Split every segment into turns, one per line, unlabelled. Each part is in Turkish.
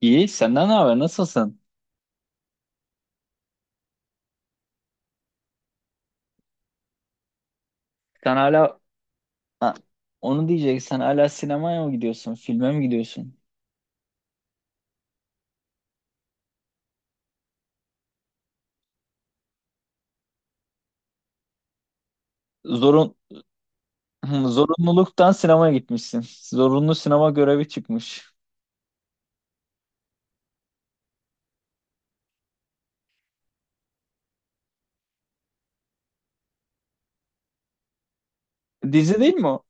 İyi, senden ne haber? Nasılsın? Sen hala, ha, onu diyeceksen hala sinemaya mı gidiyorsun? Filme mi gidiyorsun? Zorun Hı, zorunluluktan sinemaya gitmişsin. Zorunlu sinema görevi çıkmış. Dizi değil mi o?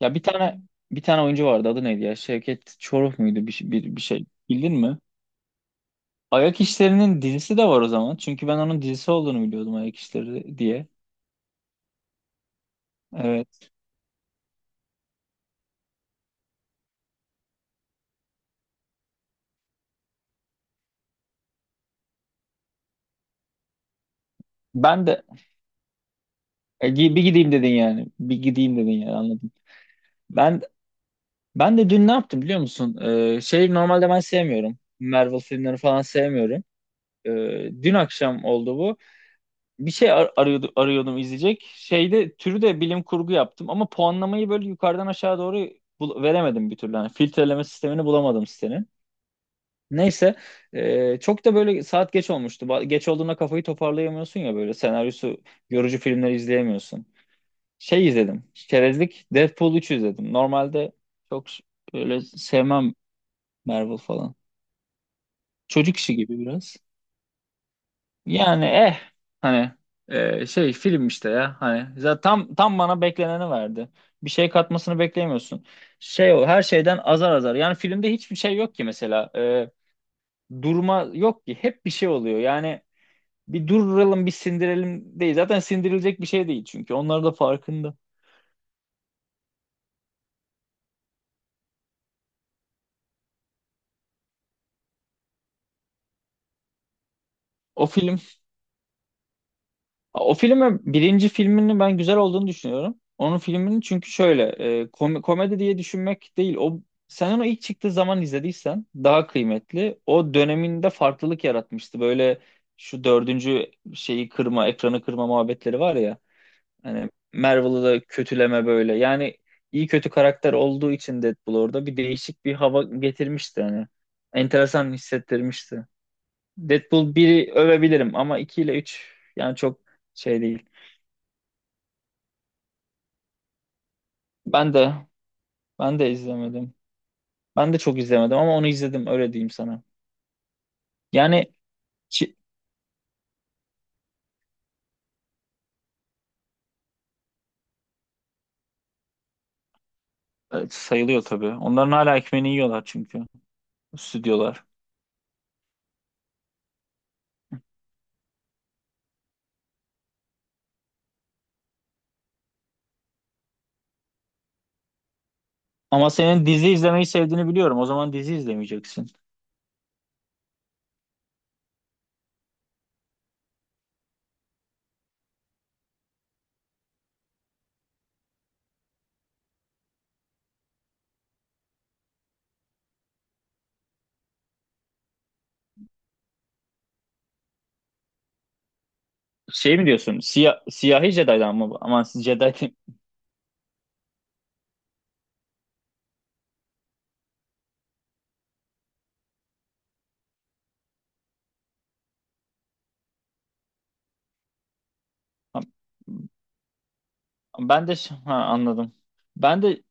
Ya bir tane oyuncu vardı. Adı neydi ya? Şevket Çoruh muydu bir şey. Bildin mi? Ayak İşleri'nin dizisi de var o zaman. Çünkü ben onun dizisi olduğunu biliyordum Ayak İşleri diye. Evet. Ben de e, gi- bir gideyim dedin yani. Bir gideyim dedin yani, anladım. Ben Ben de dün ne yaptım biliyor musun? Şey, normalde ben sevmiyorum. Marvel filmlerini falan sevmiyorum. Ee, dün akşam oldu bu. Bir şey arıyordum izleyecek. Şeyde türü de bilim kurgu yaptım ama puanlamayı böyle yukarıdan aşağı doğru veremedim bir türlü. Yani filtreleme sistemini bulamadım sitenin. Neyse çok da böyle saat geç olmuştu. Geç olduğunda kafayı toparlayamıyorsun ya, böyle senaryosu yorucu filmleri izleyemiyorsun. Şey izledim. Çerezlik, Deadpool 3 izledim. Normalde çok ş- böyle sevmem Marvel falan. Çocuk işi gibi biraz. Yani hani şey, film işte ya, hani zaten tam bana bekleneni verdi. Bir şey katmasını beklemiyorsun. Şey, o her şeyden azar azar. Yani filmde hiçbir şey yok ki mesela. Durma yok ki. Hep bir şey oluyor. Yani bir duralım bir sindirelim değil. Zaten sindirilecek bir şey değil çünkü. Onlar da farkında. O film O filmi, birinci filmini ben güzel olduğunu düşünüyorum. Onun filmini çünkü şöyle, komedi diye düşünmek değil. O, sen onu ilk çıktığı zaman izlediysen daha kıymetli. O döneminde farklılık yaratmıştı. Böyle şu dördüncü şeyi kırma, ekranı kırma muhabbetleri var ya. Hani Marvel'ı da kötüleme böyle. Yani iyi kötü karakter olduğu için Deadpool orada değişik bir hava getirmişti hani. Enteresan hissettirmişti. Deadpool 1'i övebilirim ama 2 ile 3 yani çok şey değil. Ben de ben de izlemedim. Ben de çok izlemedim ama onu izledim, öyle diyeyim sana. Yani çi- evet, sayılıyor tabii. Onların hala ekmeğini yiyorlar çünkü stüdyolar. Ama senin dizi izlemeyi sevdiğini biliyorum. O zaman dizi izlemeyeceksin. Şey mi diyorsun? Siyahi Jedi'dan mı bu? Aman siz Jedi kim? Ben de, ha anladım. Ben de,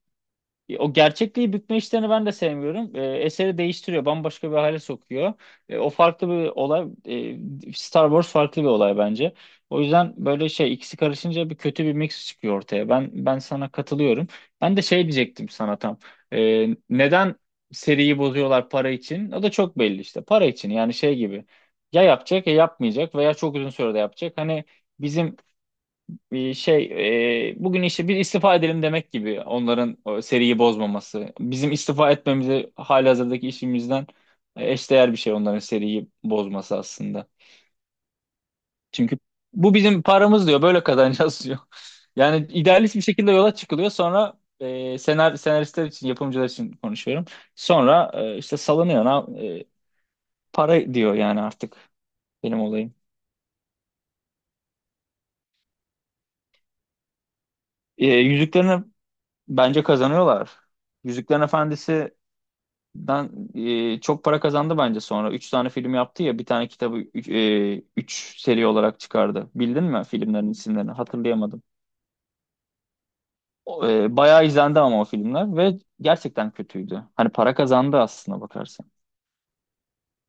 O gerçekliği bükme işlerini ben de sevmiyorum. Eseri değiştiriyor, bambaşka bir hale sokuyor. O farklı bir olay. Star Wars farklı bir olay bence. O yüzden böyle şey, ikisi karışınca bir kötü bir mix çıkıyor ortaya. Ben sana katılıyorum. Ben de şey diyecektim sana tam. Neden seriyi bozuyorlar, para için? O da çok belli işte. Para için, yani şey gibi. Ya yapacak, ya yapmayacak, veya çok uzun sürede yapacak. Hani bizim bir şey, bugün işte bir istifa edelim demek gibi onların o seriyi bozmaması. Bizim istifa etmemizi halihazırdaki işimizden, eşdeğer bir şey onların seriyi bozması aslında. Çünkü bu bizim paramız diyor, böyle kazanacağız diyor. Yani idealist bir şekilde yola çıkılıyor, sonra senaristler için, yapımcılar için konuşuyorum. Sonra işte salınıyor, para diyor yani, artık benim olayım. Yüzüklerini bence kazanıyorlar. Yüzüklerin Efendisi, Ben çok para kazandı bence sonra. Üç tane film yaptı ya, bir tane kitabı üç seri olarak çıkardı. Bildin mi filmlerin isimlerini? Hatırlayamadım. Bayağı izlendi ama o filmler, ve gerçekten kötüydü. Hani para kazandı, aslında bakarsan.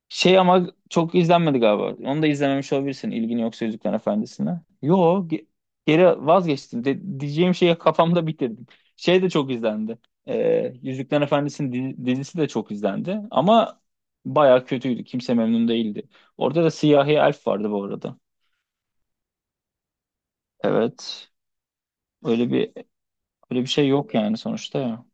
Şey, ama çok izlenmedi galiba. Onu da izlememiş olabilirsin ilgin yoksa Yüzüklerin Efendisi'ne. Yo, ge- geri vazgeçtim. Diyeceğim şeyi kafamda bitirdim. Şey de çok izlendi. Yüzüklerin Efendisi'nin dizisi de çok izlendi. Ama baya kötüydü. Kimse memnun değildi. Orada da siyahi elf vardı bu arada. Evet. Öyle bir öyle bir şey yok yani sonuçta ya.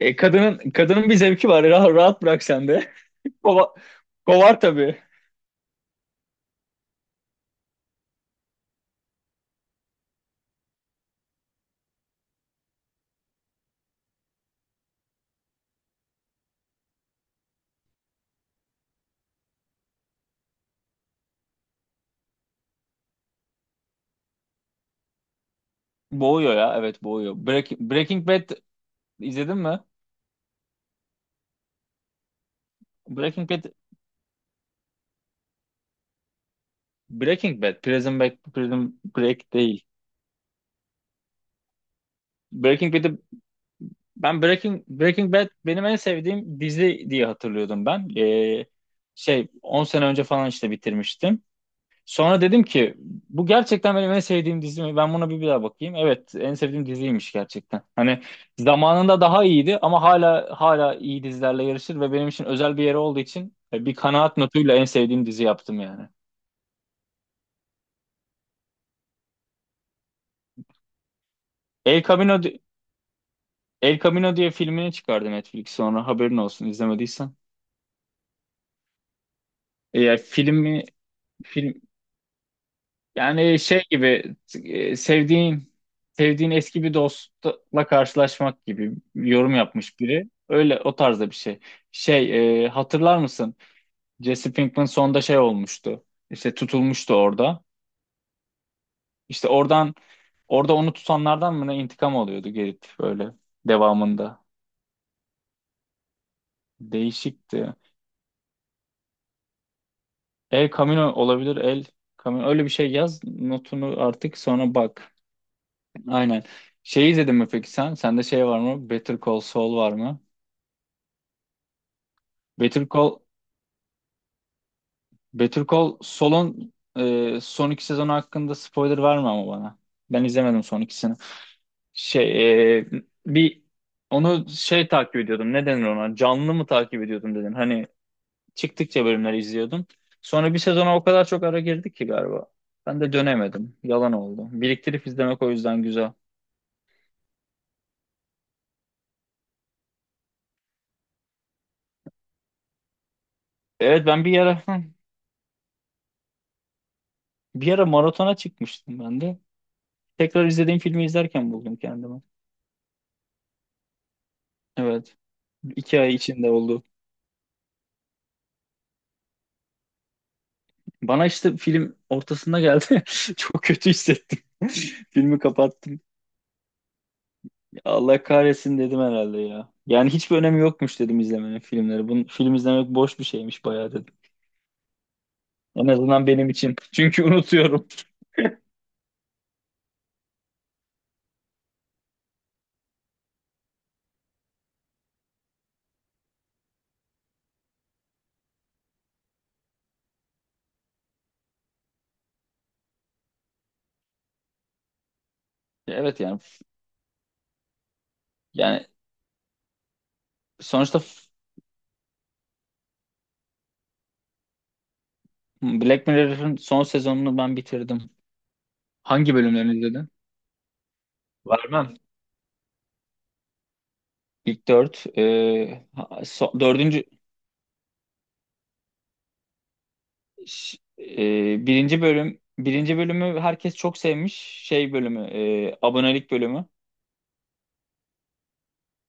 Kadının bir zevki var. Rahat, rahat bırak sen de. Kova, Kovar tabii. Boğuyor ya, evet boğuyor. Breaking Bad. İzledin mi? Breaking Bad, Breaking Bad, Prison Break değil. Breaking Bad'i Breaking Bad benim en sevdiğim dizi diye hatırlıyordum ben. Şey, 10 sene önce falan işte bitirmiştim. Sonra dedim ki, bu gerçekten benim en sevdiğim dizi mi? Ben buna bir daha bakayım. Evet, en sevdiğim diziymiş gerçekten. Hani zamanında daha iyiydi ama hala iyi dizilerle yarışır, ve benim için özel bir yeri olduğu için bir kanaat notuyla en sevdiğim dizi yaptım yani. El Camino El Camino diye filmini çıkardı Netflix sonra, haberin olsun izlemediysen. E, filmi Film yani şey gibi, e, sevdiğin sevdiğin eski bir dostla karşılaşmak gibi yorum yapmış biri. Öyle, o tarzda bir şey. Şey, hatırlar mısın? Jesse Pinkman sonda şey olmuştu. İşte tutulmuştu orada. İşte orada onu tutanlardan mı ne intikam alıyordu gelip böyle devamında. Değişikti. El Camino olabilir. El Camino. Öyle bir şey yaz. Notunu artık sonra bak. Aynen. Şey, izledin mi peki sen? Sende şey var mı, Better Call Saul var mı? Better Call, Better Call Saul'un son 2 sezonu hakkında spoiler verme ama bana. Ben izlemedim son ikisini. Şey, e, bir onu şey takip ediyordum. Ne denir ona? Canlı mı takip ediyordum dedin. Hani, çıktıkça bölümler izliyordum. Sonra bir sezona o kadar çok ara girdik ki galiba. Ben de dönemedim. Yalan oldu. Biriktirip izlemek o yüzden güzel. Evet, ben bir ara bir ara maratona çıkmıştım ben de. Tekrar izlediğim filmi izlerken buldum kendimi. Evet. 2 ay içinde oldu. Bana işte film ortasında geldi. Çok kötü hissettim. Filmi kapattım. Allah kahretsin dedim herhalde ya. Yani hiçbir önemi yokmuş dedim izlemenin, filmleri. Bunu, film izlemek boş bir şeymiş bayağı dedim. En azından benim için. Çünkü unutuyorum. Evet yani. yani sonuçta f- Black Mirror'ın son sezonunu ben bitirdim. Hangi bölümlerini izledin? Vermem. İlk dört. E, ha- so- dördüncü ş- e, birinci bölüm Birinci bölümü herkes çok sevmiş. Şey bölümü, abonelik bölümü.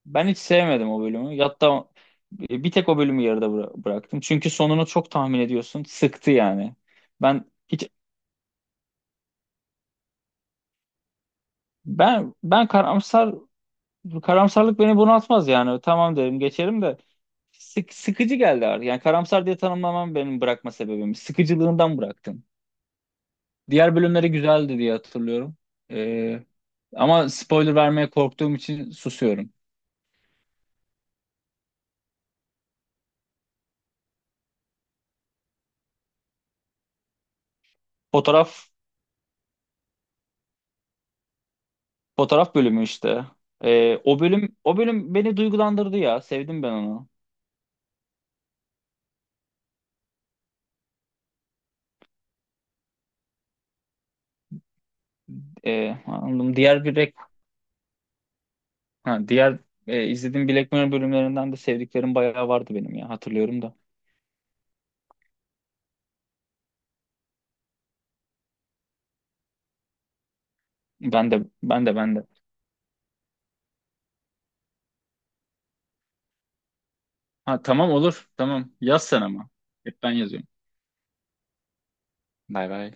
Ben hiç sevmedim o bölümü. Hatta bir tek o bölümü yarıda bıraktım. Çünkü sonunu çok tahmin ediyorsun. Sıktı yani. Ben hiç ben ben karamsar Bu karamsarlık beni bunaltmaz yani. Tamam derim geçerim, de sıkıcı geldi artık. Yani karamsar diye tanımlamam benim bırakma sebebim. Sıkıcılığından bıraktım. Diğer bölümleri güzeldi diye hatırlıyorum. Ee, Ama spoiler vermeye korktuğum için susuyorum. Fotoğraf Fotoğraf bölümü işte. O bölüm beni duygulandırdı ya. Sevdim ben onu. Anladım. Diğer bilek ha, Diğer izlediğim Black Mirror bölümlerinden de sevdiklerim bayağı vardı benim ya, hatırlıyorum da. Ben de, ben de, ben de. Ha, tamam olur. Tamam. Yaz sen ama. Hep ben yazıyorum. Bay bay.